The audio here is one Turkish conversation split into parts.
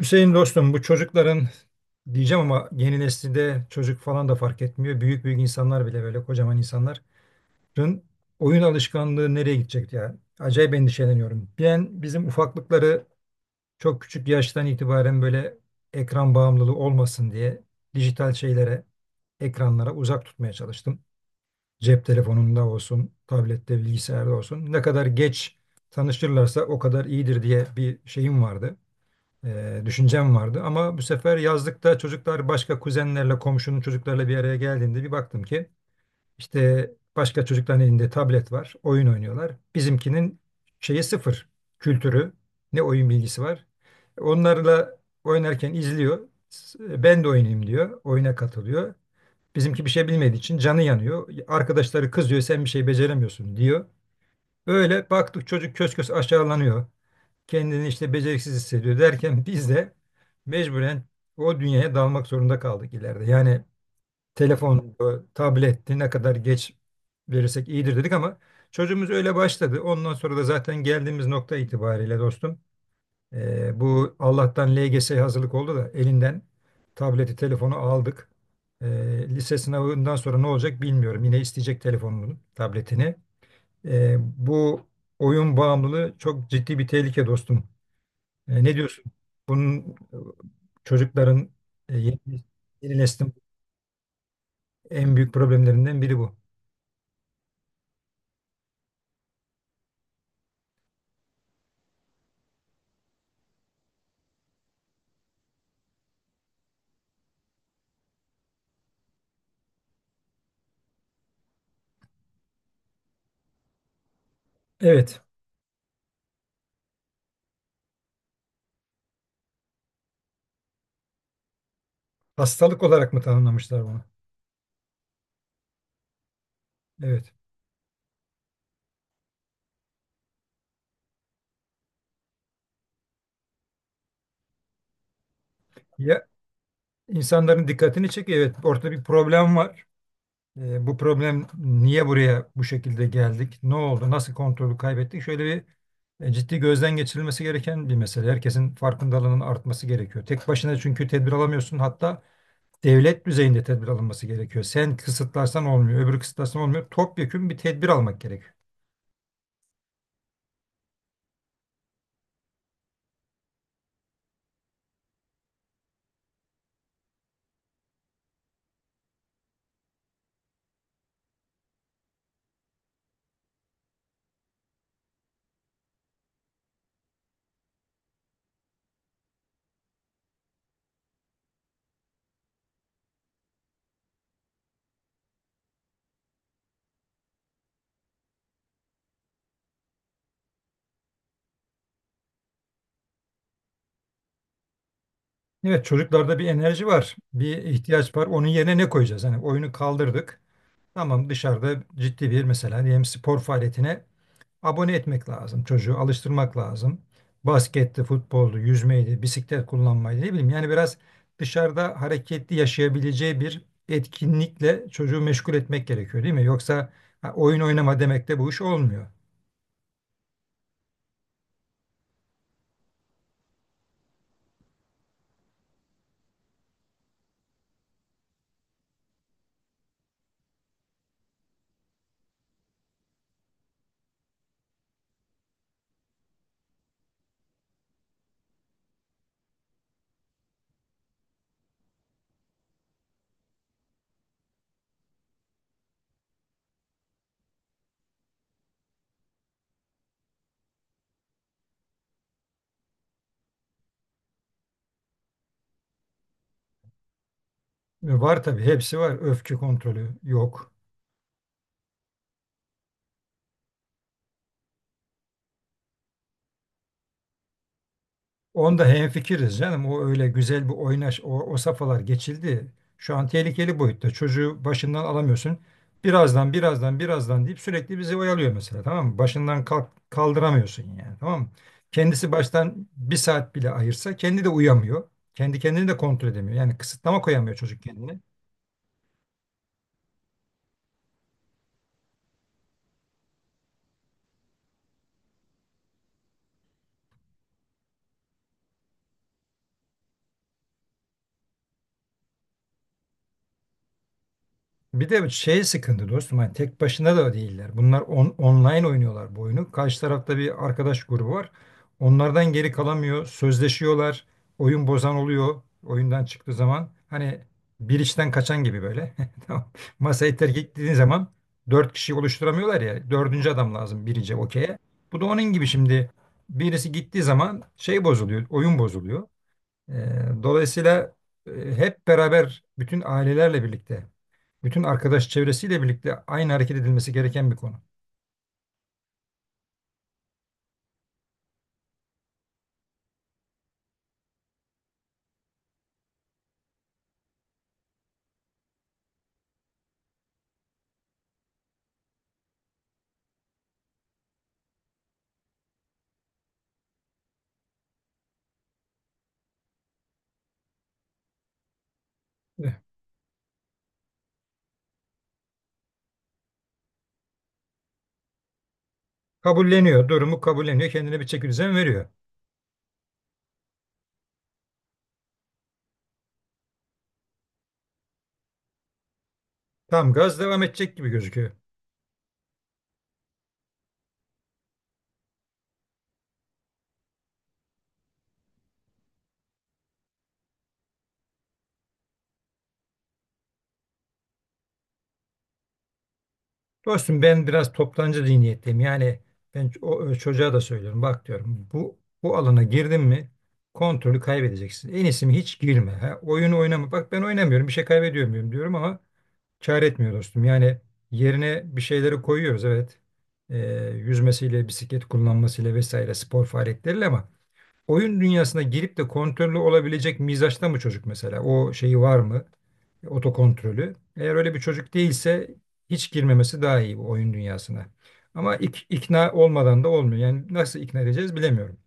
Hüseyin dostum bu çocukların diyeceğim ama yeni neslinde çocuk falan da fark etmiyor. Büyük büyük insanlar bile böyle kocaman insanların oyun alışkanlığı nereye gidecek ya? Acayip endişeleniyorum. Ben bizim ufaklıkları çok küçük yaştan itibaren böyle ekran bağımlılığı olmasın diye dijital şeylere, ekranlara uzak tutmaya çalıştım. Cep telefonunda olsun, tablette, bilgisayarda olsun. Ne kadar geç tanıştırırlarsa o kadar iyidir diye bir şeyim vardı düşüncem vardı. Ama bu sefer yazlıkta çocuklar başka kuzenlerle, komşunun çocuklarla bir araya geldiğinde bir baktım ki işte başka çocukların elinde tablet var, oyun oynuyorlar. Bizimkinin şeyi sıfır, kültürü, ne oyun bilgisi var. Onlarla oynarken izliyor. Ben de oynayayım diyor. Oyuna katılıyor. Bizimki bir şey bilmediği için canı yanıyor. Arkadaşları kızıyor sen bir şey beceremiyorsun diyor. Böyle baktık çocuk kös kös aşağılanıyor kendini işte beceriksiz hissediyor derken biz de mecburen o dünyaya dalmak zorunda kaldık ileride. Yani telefon, tabletti ne kadar geç verirsek iyidir dedik ama çocuğumuz öyle başladı. Ondan sonra da zaten geldiğimiz nokta itibariyle dostum bu Allah'tan LGS hazırlık oldu da elinden tableti, telefonu aldık. E, Lise sınavından sonra ne olacak bilmiyorum. Yine isteyecek telefonunu, tabletini. Bu oyun bağımlılığı çok ciddi bir tehlike dostum. Ne diyorsun? Bunun e, çocukların e, yeni, yeni neslin en büyük problemlerinden biri bu. Evet. Hastalık olarak mı tanımlamışlar bunu? Evet. Ya insanların dikkatini çekiyor. Evet, ortada bir problem var. Bu problem niye buraya bu şekilde geldik? Ne oldu? Nasıl kontrolü kaybettik? Şöyle bir ciddi gözden geçirilmesi gereken bir mesele. Herkesin farkındalığının artması gerekiyor. Tek başına çünkü tedbir alamıyorsun. Hatta devlet düzeyinde tedbir alınması gerekiyor. Sen kısıtlarsan olmuyor, öbürü kısıtlarsan olmuyor. Topyekün bir tedbir almak gerekiyor. Evet, çocuklarda bir enerji var, bir ihtiyaç var. Onun yerine ne koyacağız? Hani oyunu kaldırdık. Tamam dışarıda ciddi bir mesela diyelim spor faaliyetine abone etmek lazım. Çocuğu alıştırmak lazım. Basketti, futboldu, yüzmeydi, bisiklet kullanmaydı ne bileyim. Yani biraz dışarıda hareketli yaşayabileceği bir etkinlikle çocuğu meşgul etmek gerekiyor değil mi? Yoksa ha, oyun oynama demek de bu iş olmuyor. Var tabii hepsi var. Öfke kontrolü yok. Onda hemfikiriz canım. O öyle güzel bir oynaş, o safhalar geçildi. Şu an tehlikeli boyutta. Çocuğu başından alamıyorsun. Birazdan, birazdan, birazdan deyip sürekli bizi oyalıyor mesela. Tamam mı? Başından kalk, kaldıramıyorsun yani. Tamam mı? Kendisi baştan bir saat bile ayırsa kendi de uyamıyor. Kendi kendini de kontrol edemiyor. Yani kısıtlama koyamıyor çocuk kendini. Bir de şey sıkıntı dostum hani tek başına da değiller. Bunlar online oynuyorlar bu oyunu. Karşı tarafta bir arkadaş grubu var. Onlardan geri kalamıyor. Sözleşiyorlar. Oyun bozan oluyor. Oyundan çıktığı zaman hani bir işten kaçan gibi böyle. Tamam. Masayı terk ettiğin zaman dört kişi oluşturamıyorlar ya. Dördüncü adam lazım birinci okey'e. Bu da onun gibi şimdi birisi gittiği zaman şey bozuluyor. Oyun bozuluyor. Dolayısıyla hep beraber bütün ailelerle birlikte, bütün arkadaş çevresiyle birlikte aynı hareket edilmesi gereken bir konu. Eh, Kabulleniyor, durumu kabulleniyor, kendine bir çekirdeğin veriyor. Tam gaz devam edecek gibi gözüküyor. Dostum ben biraz toptancı zihniyetteyim. Yani ben o çocuğa da söylüyorum. Bak diyorum bu alana girdin mi kontrolü kaybedeceksin. En iyisi mi hiç girme. Ha? Oyun oynama. Bak ben oynamıyorum bir şey kaybediyor muyum diyorum ama kâr etmiyor dostum. Yani yerine bir şeyleri koyuyoruz evet. Ee, Yüzmesiyle, bisiklet kullanmasıyla vesaire spor faaliyetleriyle ama oyun dünyasına girip de kontrollü olabilecek mizaçta mı çocuk mesela? O şeyi var mı? Otokontrolü. Eğer öyle bir çocuk değilse hiç girmemesi daha iyi bu oyun dünyasına. Ama ikna olmadan da olmuyor. Yani nasıl ikna edeceğiz bilemiyorum.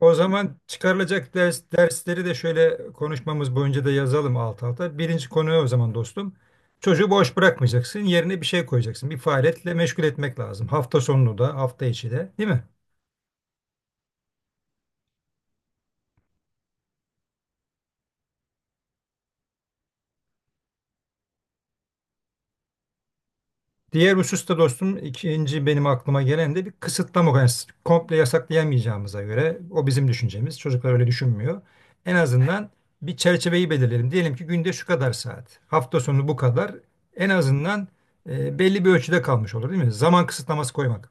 O zaman çıkarılacak ders, dersleri de şöyle konuşmamız boyunca da yazalım alt alta. Birinci konu o zaman dostum. Çocuğu boş bırakmayacaksın. Yerine bir şey koyacaksın. Bir faaliyetle meşgul etmek lazım. Hafta sonunu da, hafta içi de, değil mi? Diğer hususta dostum ikinci benim aklıma gelen de bir kısıtlama. Yani komple yasaklayamayacağımıza göre o bizim düşüncemiz. Çocuklar öyle düşünmüyor. En azından bir çerçeveyi belirleyelim. Diyelim ki günde şu kadar saat, hafta sonu bu kadar. En azından belli bir ölçüde kalmış olur değil mi? Zaman kısıtlaması koymak.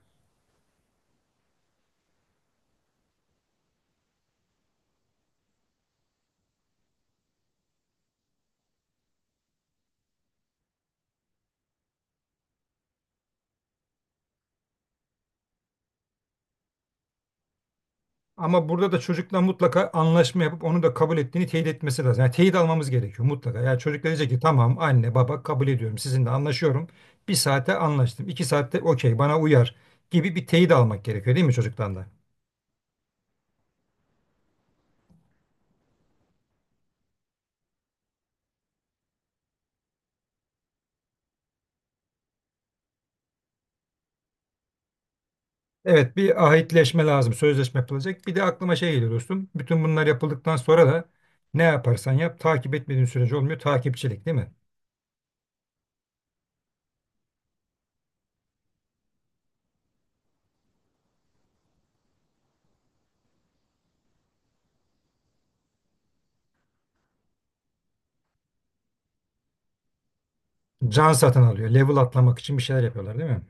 Ama burada da çocukla mutlaka anlaşma yapıp onu da kabul ettiğini teyit etmesi lazım. Yani teyit almamız gerekiyor mutlaka. Yani çocuk da diyecek ki tamam anne baba kabul ediyorum sizinle anlaşıyorum. Bir saate anlaştım. İki saatte okey bana uyar gibi bir teyit almak gerekiyor değil mi çocuktan da? Evet bir ahitleşme lazım. Sözleşme yapılacak. Bir de aklıma şey geliyor dostum. Bütün bunlar yapıldıktan sonra da ne yaparsan yap takip etmediğin sürece olmuyor. Takipçilik değil mi? Can satın alıyor. Level atlamak için bir şeyler yapıyorlar değil mi?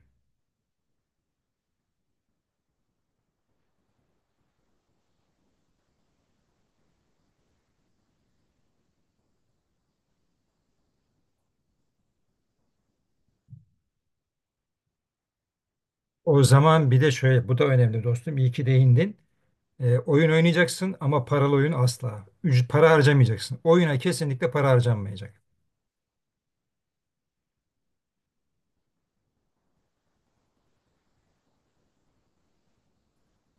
O zaman bir de şöyle bu da önemli dostum. İyi ki değindin. Oyun oynayacaksın ama paralı oyun asla. Para harcamayacaksın. Oyuna kesinlikle para harcanmayacak.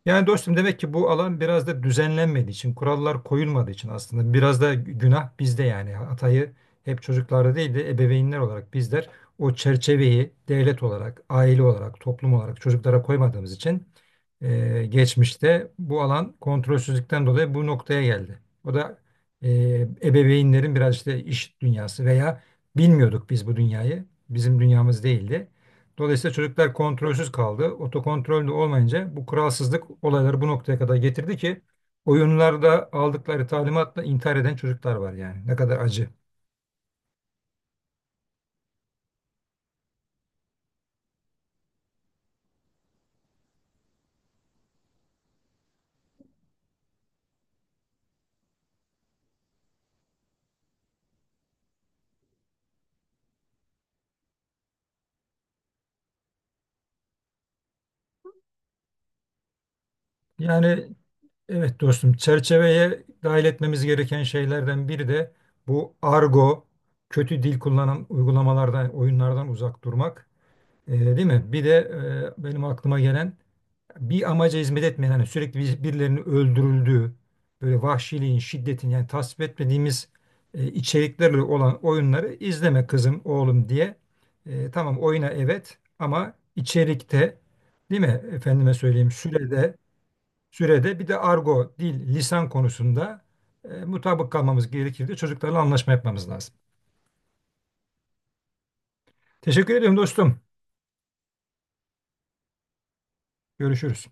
Yani dostum demek ki bu alan biraz da düzenlenmediği için, kurallar koyulmadığı için aslında biraz da günah bizde yani. Hatayı hep çocuklarda değil de ebeveynler olarak bizler o çerçeveyi devlet olarak, aile olarak, toplum olarak çocuklara koymadığımız için geçmişte bu alan kontrolsüzlükten dolayı bu noktaya geldi. O da e, ebeveynlerin biraz işte iş dünyası veya bilmiyorduk biz bu dünyayı. Bizim dünyamız değildi. Dolayısıyla çocuklar kontrolsüz kaldı. Otokontrol de olmayınca bu kuralsızlık olayları bu noktaya kadar getirdi ki oyunlarda aldıkları talimatla intihar eden çocuklar var yani. Ne kadar acı. Yani evet dostum çerçeveye dahil etmemiz gereken şeylerden biri de bu argo, kötü dil kullanan uygulamalardan, oyunlardan uzak durmak. Değil mi? Bir de benim aklıma gelen bir amaca hizmet etmeyen hani sürekli birilerinin öldürüldüğü böyle vahşiliğin, şiddetin yani tasvip etmediğimiz içeriklerle olan oyunları izleme kızım, oğlum diye. Tamam oyuna evet ama içerikte değil mi? Efendime söyleyeyim sürede bir de argo, dil, lisan konusunda mutabık kalmamız gerekir de çocuklarla anlaşma yapmamız lazım. Teşekkür ediyorum dostum. Görüşürüz.